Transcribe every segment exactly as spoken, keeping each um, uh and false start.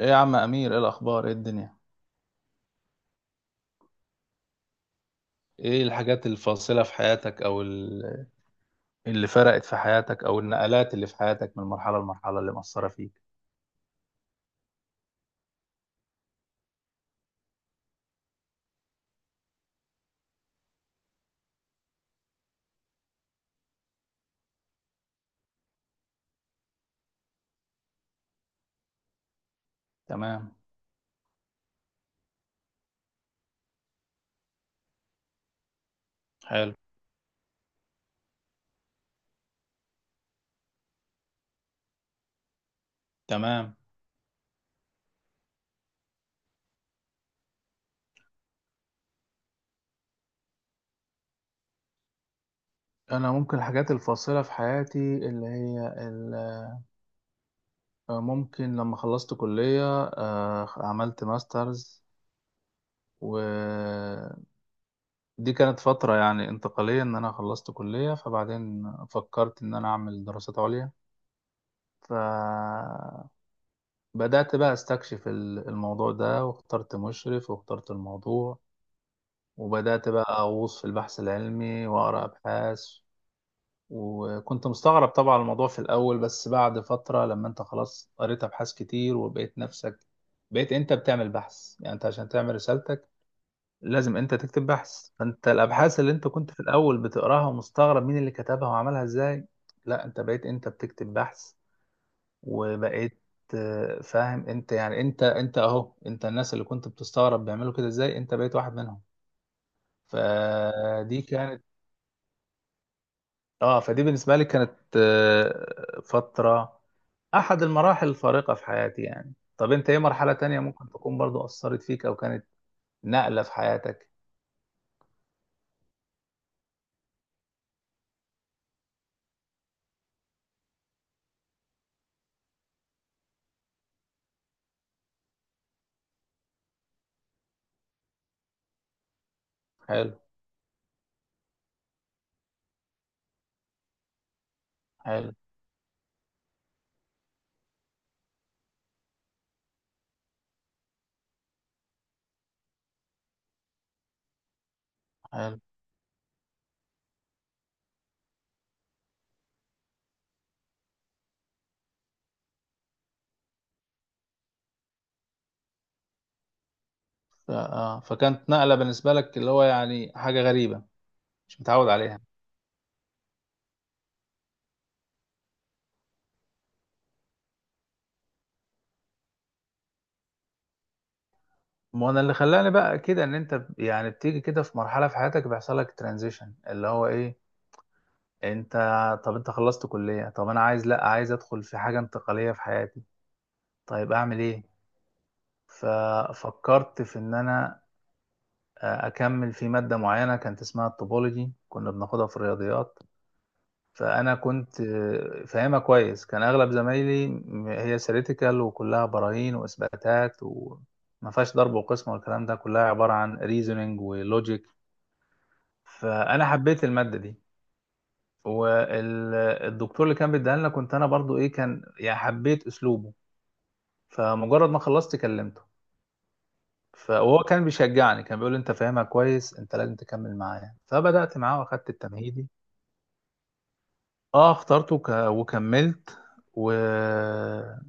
ايه يا عم امير، ايه الاخبار؟ ايه الدنيا؟ ايه الحاجات الفاصله في حياتك او ال- اللي فرقت في حياتك او النقلات اللي في حياتك من مرحله لمرحله اللي مأثره فيك؟ تمام. حلو. تمام. انا ممكن الحاجات الفاصله في حياتي اللي هي ال- ممكن لما خلصت كليه آه، عملت ماسترز. ودي كانت فتره يعني انتقاليه ان انا خلصت كليه، فبعدين فكرت ان انا اعمل دراسات عليا. ف بدأت بقى استكشف ال- الموضوع ده، واخترت مشرف، واخترت الموضوع. وبدأت بقى أغوص في البحث العلمي وأقرأ أبحاث. وكنت مستغرب طبعا الموضوع في الأول، بس بعد فترة لما أنت خلاص قريت أبحاث كتير وبقيت نفسك بقيت أنت بتعمل بحث. يعني أنت عشان تعمل رسالتك لازم أنت تكتب بحث، فأنت الأبحاث اللي أنت كنت في الأول بتقراها ومستغرب مين اللي كتبها وعملها إزاي، لا أنت بقيت أنت بتكتب بحث. وبقيت آه، فاهم انت، يعني انت انت اهو انت الناس اللي كنت بتستغرب بيعملوا كده ازاي انت بقيت واحد منهم. فدي كانت، اه فدي بالنسبة لي كانت آه، فترة، احد المراحل الفارقة في حياتي. يعني طب انت ايه مرحلة تانية ممكن تكون برضو اثرت فيك او كانت نقلة في حياتك؟ حلو. حلو. حلو. ف- آه فكانت نقلة بالنسبة لك اللي هو يعني حاجة غريبة مش متعود عليها. ما انا اللي خلاني بقى كده ان انت، ب- يعني بتيجي كده في مرحله في حياتك بيحصل لك ترانزيشن اللي هو ايه؟ انت، طب انت خلصت كليه، طب انا عايز، لا عايز ادخل في حاجه انتقاليه في حياتي، طيب اعمل ايه؟ ففكرت في ان انا آه، اكمل في ماده معينه كانت اسمها الطوبولوجي، كنا بناخدها في الرياضيات. فانا كنت آه، فاهمها كويس، كان اغلب زمايلي م- هي سيريتيكال وكلها براهين واثباتات و ما فيهاش ضرب وقسم والكلام ده، كلها عبارة عن ريزونينج ولوجيك. فانا حبيت الماده دي، والدكتور اللي كان بيديها لنا كنت انا برضو ايه كان يعني حبيت اسلوبه. فمجرد ما خلصت كلمته، فهو كان بيشجعني، كان بيقول لي انت فاهمها كويس، انت لازم تكمل معايا. فبدات معاه واخدت التمهيدي. اه اخترته ك... وكملت، وكملت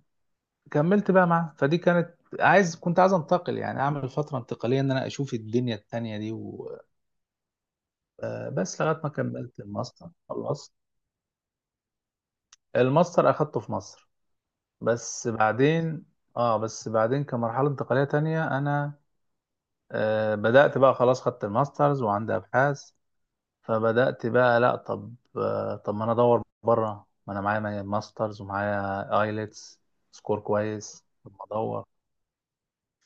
بقى معاه. فدي كانت عايز، كنت عايز انتقل، يعني اعمل فتره انتقاليه ان انا اشوف الدنيا التانية دي و... آه، بس لغايه ما كملت الماستر خلصت. الماستر اخدته في مصر، بس بعدين، اه بس بعدين كمرحلة انتقالية تانية انا، آه بدأت بقى خلاص خدت الماسترز وعندي ابحاث. فبدأت بقى، لا طب، آه طب ما انا ادور بره، ما انا معايا ماسترز ومعايا ايلتس سكور كويس، طب ما ادور.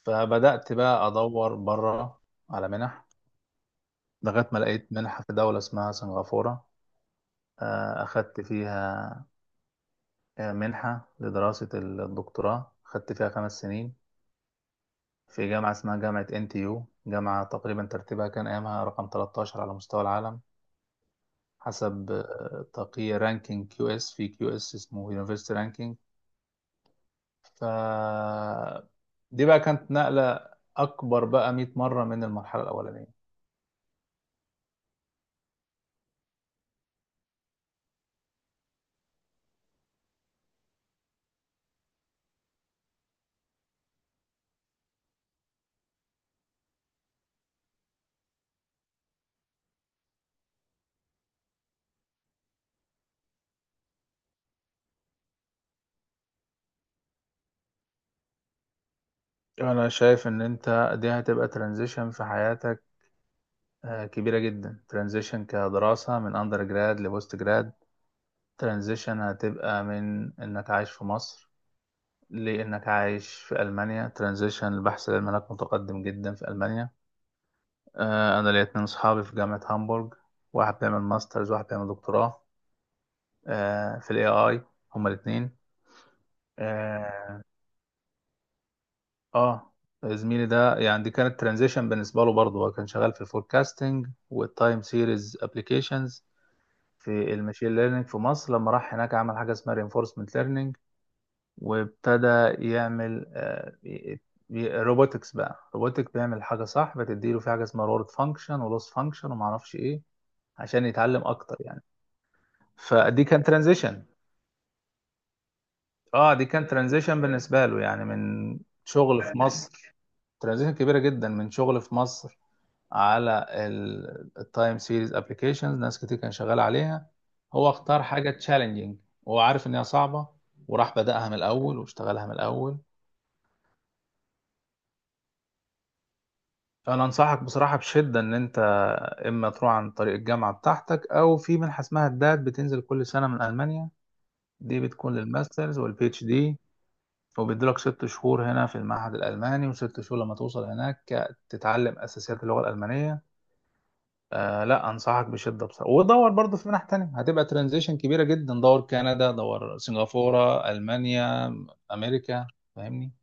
فبدأت بقى ادور بره على منح، لغاية ما لقيت منحة في دولة اسمها سنغافورة. آه اخدت فيها آه، منحة لدراسة الدكتوراه، خدت فيها خمس سنين، في جامعة اسمها جامعة N T U. جامعة تقريبا ترتيبها كان أيامها رقم تلتاشر على مستوى العالم، حسب آه، تقييم رانكينج كيو اس، في كيو اس اسمه يونيفرسيتي رانكينج. ف دي بقى كانت نقلة أكبر بقى مية مرة من المرحلة الأولانية. أنا شايف إن أنت دي هتبقى ترانزيشن في حياتك آه، كبيرة جدا. ترانزيشن كدراسة من أندر جراد لبوست جراد، ترانزيشن هتبقى من إنك عايش في مصر لأنك عايش في ألمانيا، ترانزيشن البحث العلمي هناك متقدم جدا في ألمانيا. آه، أنا ليا اتنين صحابي في جامعة هامبورج، واحد بيعمل ماسترز واحد بيعمل دكتوراه آه، في ال A I، هما الاتنين. آه آه، زميلي ده يعني دي كانت ترانزيشن بالنسبة له برضه، هو كان شغال في الفوركاستنج والتايم سيريز ابلكيشنز في الماشين ليرنينج في مصر. لما راح هناك عمل حاجة اسمها reinforcement learning، وابتدى يعمل روبوتكس بقى، روبوتك بيعمل حاجه صح بتديله في حاجه اسمها رورد فانكشن ولوس فانكشن وما اعرفش ايه، عشان يتعلم اكتر يعني. فدي كان ترانزيشن، اه دي كان ترانزيشن بالنسبه له يعني من شغل في مصر. ترانزيشن كبيره جدا، من شغل في مصر على التايم سيريز ابلكيشنز ناس كتير كان شغال عليها، هو اختار حاجه تشالنجينج وهو عارف ان هي صعبه، وراح بدأها من الاول واشتغلها من الاول. انا انصحك بصراحه بشده ان انت اما تروح عن طريق الجامعه بتاعتك، او في منحه اسمها الدات بتنزل كل سنه من المانيا، دي بتكون للماسترز والبي اتش دي، وبيديلك ست شهور هنا في المعهد الالماني وست شهور لما توصل هناك تتعلم اساسيات اللغه الالمانيه. آه لا انصحك بشده بصراحه، ودور برضه في منح تانية هتبقى ترانزيشن كبيره جدا، دور كندا، دور سنغافوره، المانيا، امريكا، فاهمني؟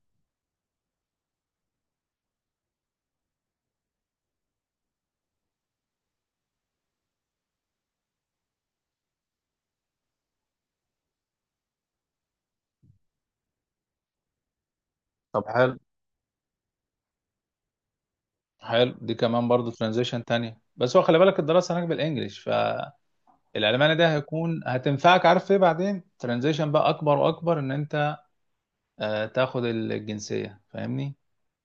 طب حلو. حلو، دي كمان برضه ترانزيشن تانية، بس هو خلي بالك الدراسه هناك بالانجلش. العلماني ده هيكون هتنفعك، عارف ايه بعدين؟ ترانزيشن بقى اكبر واكبر ان انت آه، تاخد الجنسية فاهمني،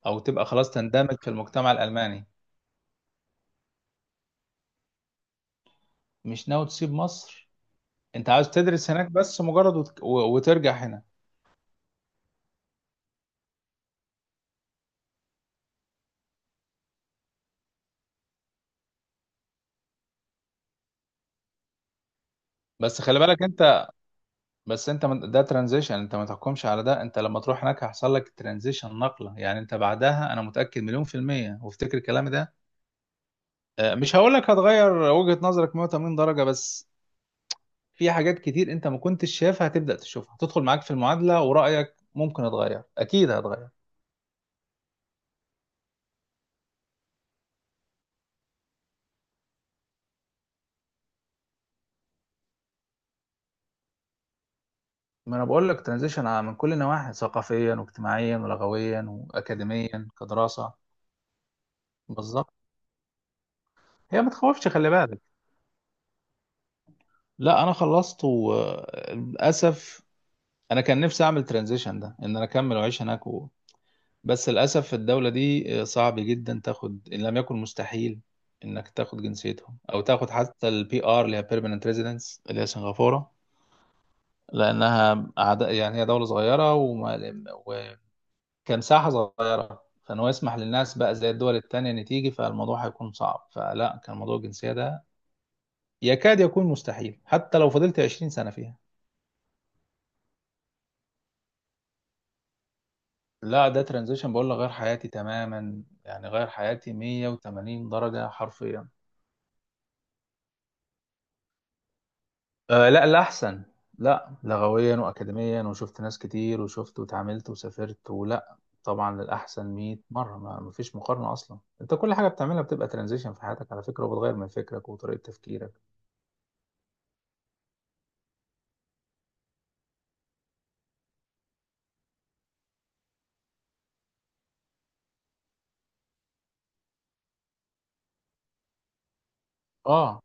او تبقى خلاص تندمج في المجتمع الالماني. مش ناوي تسيب مصر؟ انت عاوز تدرس هناك بس مجرد وت... و- وترجع هنا؟ بس خلي بالك انت، بس انت من- ده ترانزيشن، انت ما تحكمش على ده، انت لما تروح هناك هيحصل لك ترانزيشن نقلة يعني انت بعدها، انا متأكد مليون في المية وافتكر كلامي ده. آه، مش هقول لك هتغير وجهة نظرك مية وتمانين درجة، بس في حاجات كتير انت ما كنتش شايفها هتبدأ تشوفها، هتدخل معاك في المعادلة، ورأيك ممكن اتغير، اكيد هتغير. ما انا بقول لك ترانزيشن من كل النواحي، ثقافيا واجتماعيا ولغويا واكاديميا كدراسة. بالظبط. هي ما تخوفش، خلي بالك. لا انا خلصت وللاسف. انا كان نفسي اعمل ترانزيشن ده ان انا اكمل واعيش هناك و... بس للاسف الدولة دي آه، صعب جدا تاخد ان لم يكن مستحيل انك تاخد جنسيتهم او تاخد حتى البي ار اللي هي بيرمننت ريزيدنس، اللي هي سنغافورة. لأنها أعداء، يعني هي دولة صغيرة وما وكان ساحة صغيرة، فإن هو يسمح للناس بقى زي الدول التانية إن تيجي، فالموضوع هيكون صعب، فلا كان موضوع الجنسية ده يكاد يكون مستحيل حتى لو فضلت عشرين سنة فيها. لا ده ترانزيشن بقول لك غير حياتي تماما، يعني غير حياتي مية وتمانين درجة حرفيا. آه لا لا، احسن. لا لغويا واكاديميا، وشفت ناس كتير، وشفت واتعاملت وسافرت ولا، طبعا للاحسن مية مره، ما ما فيش مقارنه اصلا. انت كل حاجه بتعملها بتبقى ترانزيشن في حياتك على فكره، وبتغير من فكرك وطريقه تفكيرك. اه.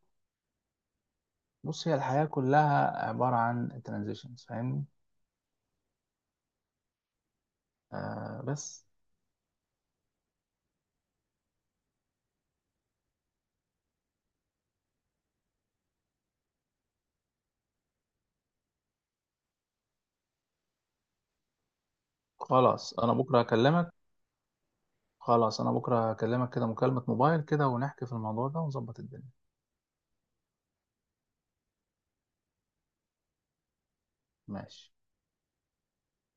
بص، هي الحياه كلها عباره عن ترانزيشنز، فاهمني؟ آه بس خلاص انا بكره هكلمك. خلاص انا بكره هكلمك كده مكالمه موبايل كده، ونحكي في الموضوع ده ونظبط الدنيا. ماشي.